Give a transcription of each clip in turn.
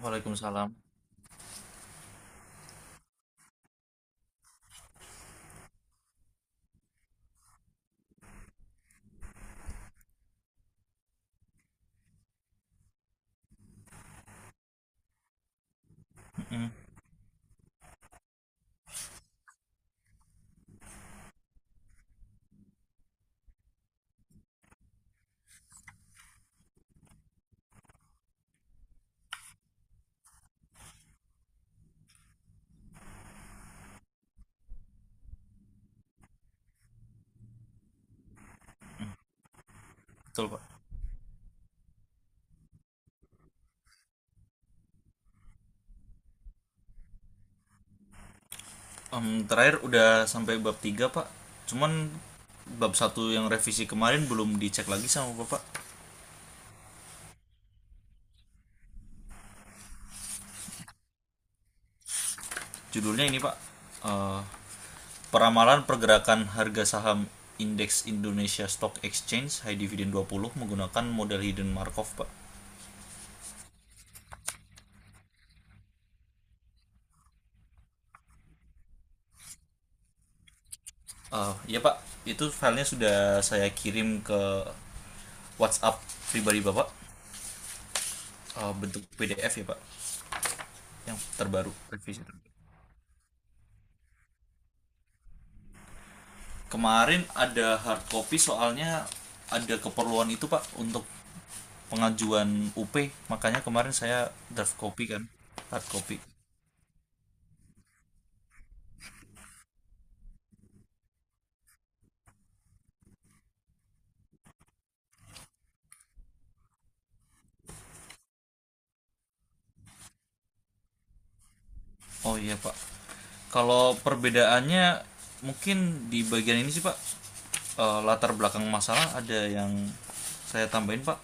Waalaikumsalam. Mm, betul, Pak. Terakhir udah sampai bab tiga, Pak. Cuman bab satu yang revisi kemarin belum dicek lagi sama Bapak. Judulnya ini, Pak. Eh, Peramalan Pergerakan Harga Saham Indeks Indonesia Stock Exchange High Dividend 20 menggunakan model hidden Markov, Pak. Ya, Pak. Itu filenya sudah saya kirim ke WhatsApp pribadi Bapak. Bentuk PDF ya, Pak. Yang terbaru revisi. Kemarin ada hard copy, soalnya ada keperluan itu Pak untuk pengajuan UP. Makanya kemarin saya draft copy kan, hard copy. Oh, iya Pak. Kalau perbedaannya mungkin di bagian ini sih, Pak, latar belakang masalah ada yang saya tambahin Pak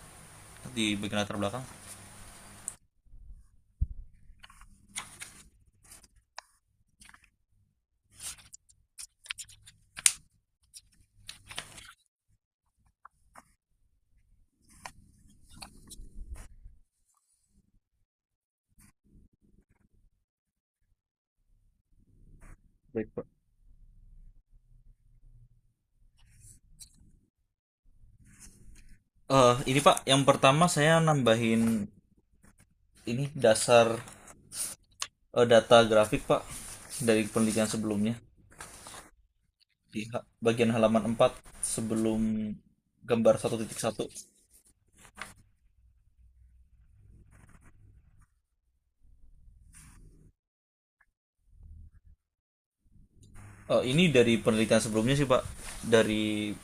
di bagian latar belakang. Ini Pak, yang pertama saya nambahin ini dasar, data grafik Pak dari penelitian sebelumnya. Di bagian halaman empat, sebelum gambar 1.1. Ini dari penelitian sebelumnya sih, Pak. Dari,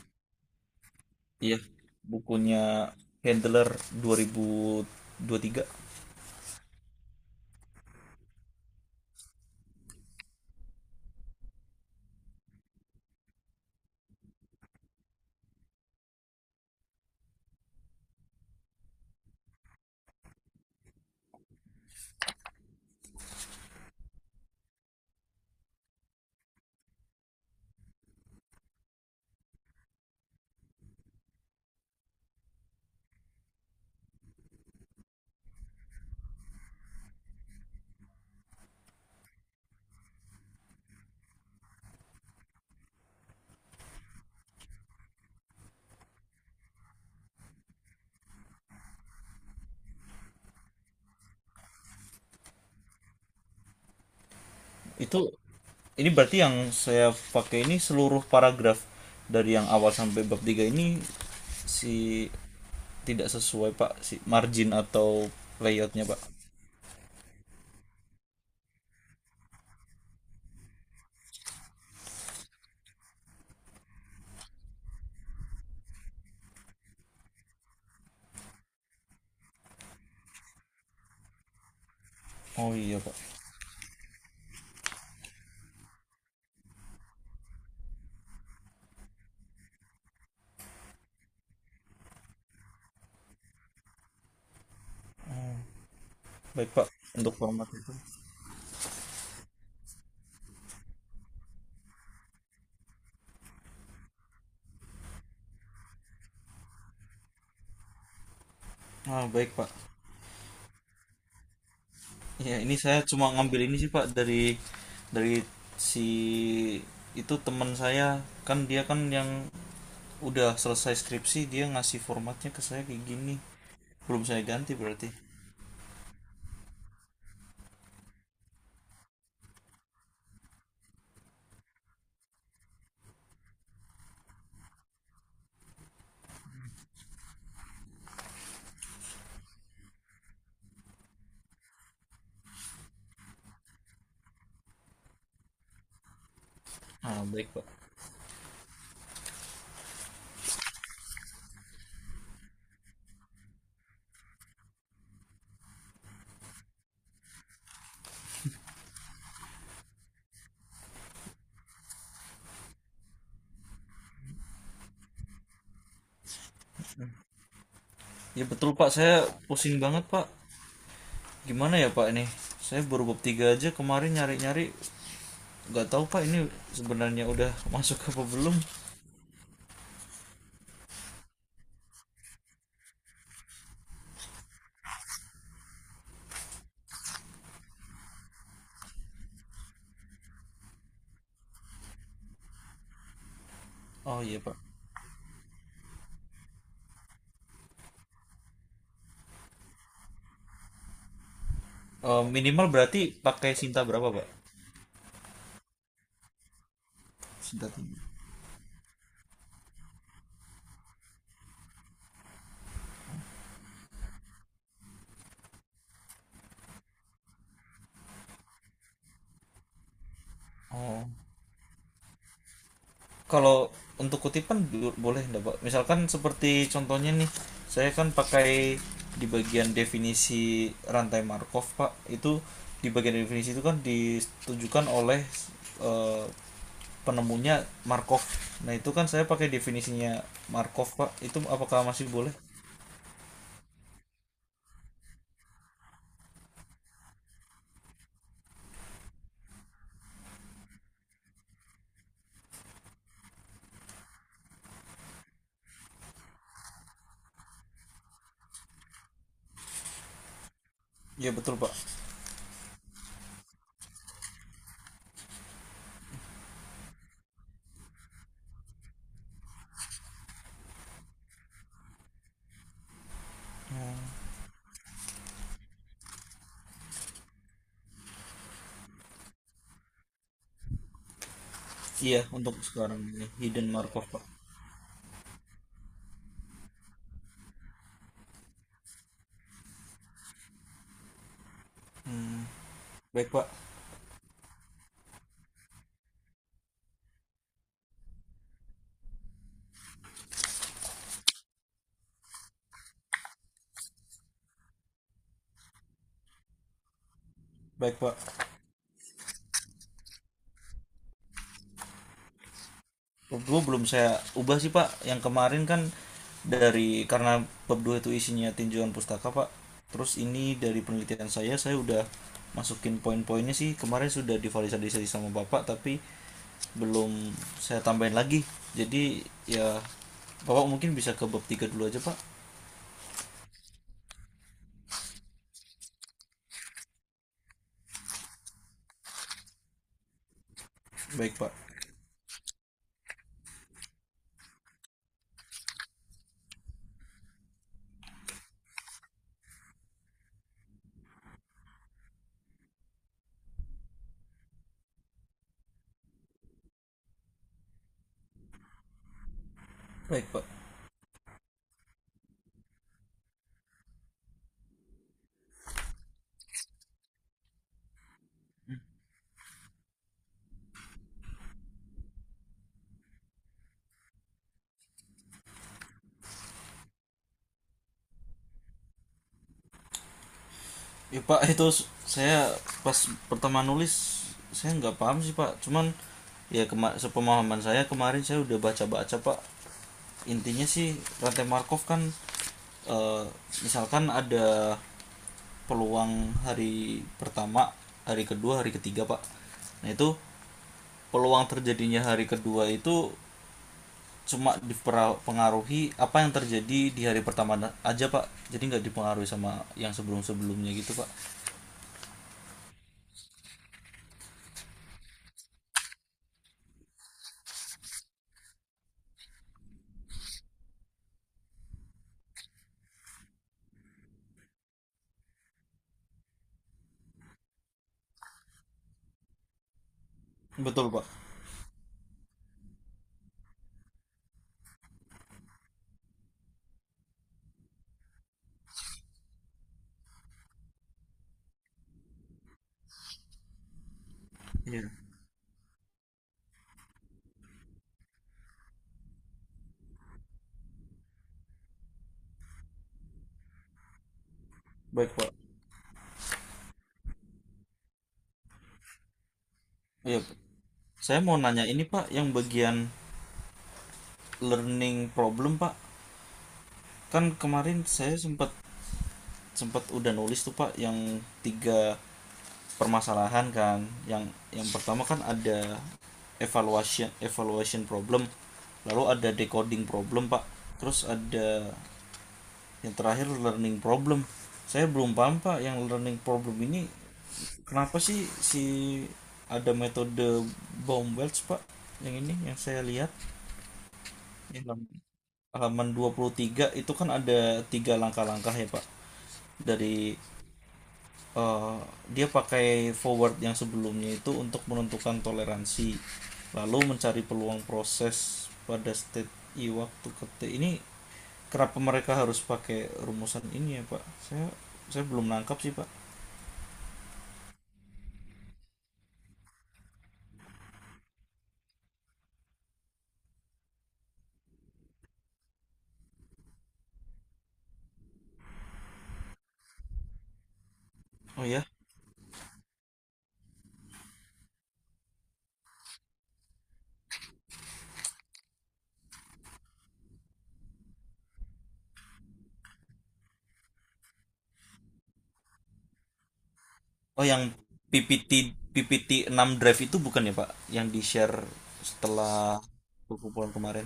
ya, bukunya Handler dua ribu dua ribu tiga. Itu ini berarti yang saya pakai ini seluruh paragraf dari yang awal sampai bab 3 ini si tidak sesuai, Pak, si margin atau layoutnya, Pak. Oh, iya, Pak. Baik, Pak. Untuk format itu. Ah, baik, Pak. Ya, ini saya cuma ngambil ini sih Pak dari dari si itu, teman saya kan, dia kan yang udah selesai skripsi, dia ngasih formatnya ke saya kayak gini. Belum saya ganti berarti. Ah, baik Pak. Ya, betul Pak, saya pusing banget Pak. Gimana ya Pak ini? Saya baru bab 3 aja, kemarin nyari-nyari nggak tahu Pak ini sebenarnya udah masuk apa belum. Oh, iya Pak. Minimal berarti pakai Sinta berapa Pak? Sinta tiga. Oh, kalau untuk kutipan boleh enggak, Pak? Misalkan seperti contohnya nih, saya kan pakai di bagian definisi rantai Markov, Pak. Itu di bagian definisi itu kan ditujukan oleh eh, penemunya Markov. Nah, itu kan saya pakai definisinya Markov, Pak. Itu apakah masih boleh? Ya, betul, Pak. Iya, untuk sekarang ini hidden Markov, Pak. Baik, Pak. Baik, Pak. Pub 2 belum saya ubah sih Pak. Yang kemarin kan dari, karena Pub 2 itu isinya tinjauan pustaka Pak. Terus ini dari penelitian saya udah masukin poin-poinnya sih. Kemarin sudah divalidasi sama Bapak, tapi belum saya tambahin lagi. Jadi ya, Bapak mungkin bisa ke bab 3 dulu aja Pak. Baik Pak. Baik Pak. Ya Pak, itu saya pas pertama nulis saya nggak paham sih Pak. Cuman ya, sepemahaman saya kemarin, saya udah baca-baca Pak, intinya sih rantai Markov kan, eh, misalkan ada peluang hari pertama, hari kedua, hari ketiga, Pak. Nah, itu peluang terjadinya hari kedua itu cuma dipengaruhi apa yang terjadi di hari pertama aja, Pak. Jadi nggak dipengaruhi sama yang sebelum-sebelumnya gitu, Pak. Betul, Pak. Iya. Baik, Pak. Iya, Pak. Saya mau nanya ini, Pak, yang bagian learning problem, Pak. Kan kemarin saya sempat sempat udah nulis tuh Pak yang tiga permasalahan kan. Yang pertama kan ada evaluation evaluation problem. Lalu ada decoding problem, Pak. Terus ada yang terakhir learning problem. Saya belum paham, Pak, yang learning problem ini kenapa sih si ada metode Baum-Welch, Pak? Yang ini yang saya lihat, yang halaman 23 itu kan ada tiga langkah-langkah ya, Pak. Dari, eh, dia pakai forward yang sebelumnya itu untuk menentukan toleransi, lalu mencari peluang proses pada state i waktu ke t. Ini kenapa mereka harus pakai rumusan ini ya pak, saya belum nangkap sih pak. Oh ya. Oh, yang PPT PPT 6 drive itu bukan ya pak, yang di share setelah perkumpulan kemarin?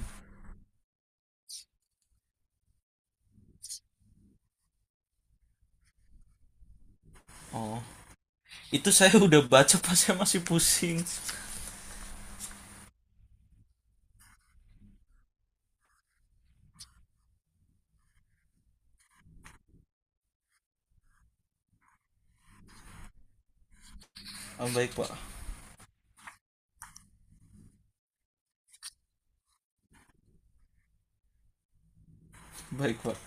Oh, itu saya udah baca pak, saya masih pusing. Ah, baik pak. Baik pak.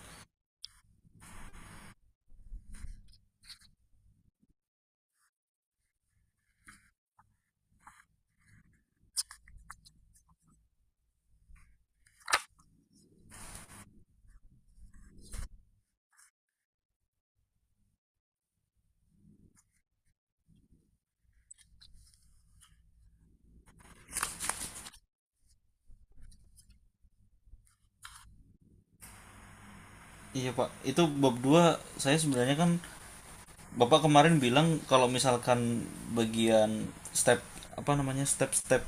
Iya pak, itu bab 2 saya sebenarnya, kan Bapak kemarin bilang kalau misalkan bagian step apa namanya step-step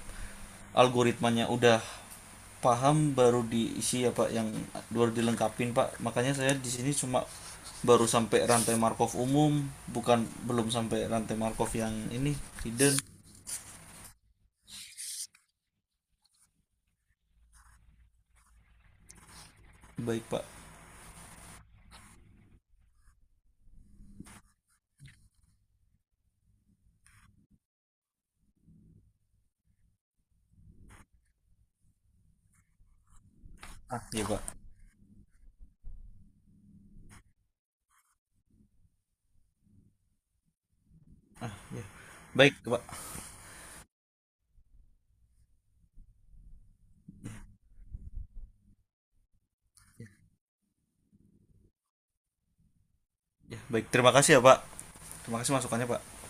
algoritmanya udah paham baru diisi ya Pak, yang baru dilengkapin Pak. Makanya saya di sini cuma baru sampai rantai Markov umum, bukan, belum sampai rantai Markov yang ini hidden. Baik Pak. Ah, ya Pak. Baik Pak. Ya, baik. Terima kasih ya Pak. Terima kasih masukannya Pak.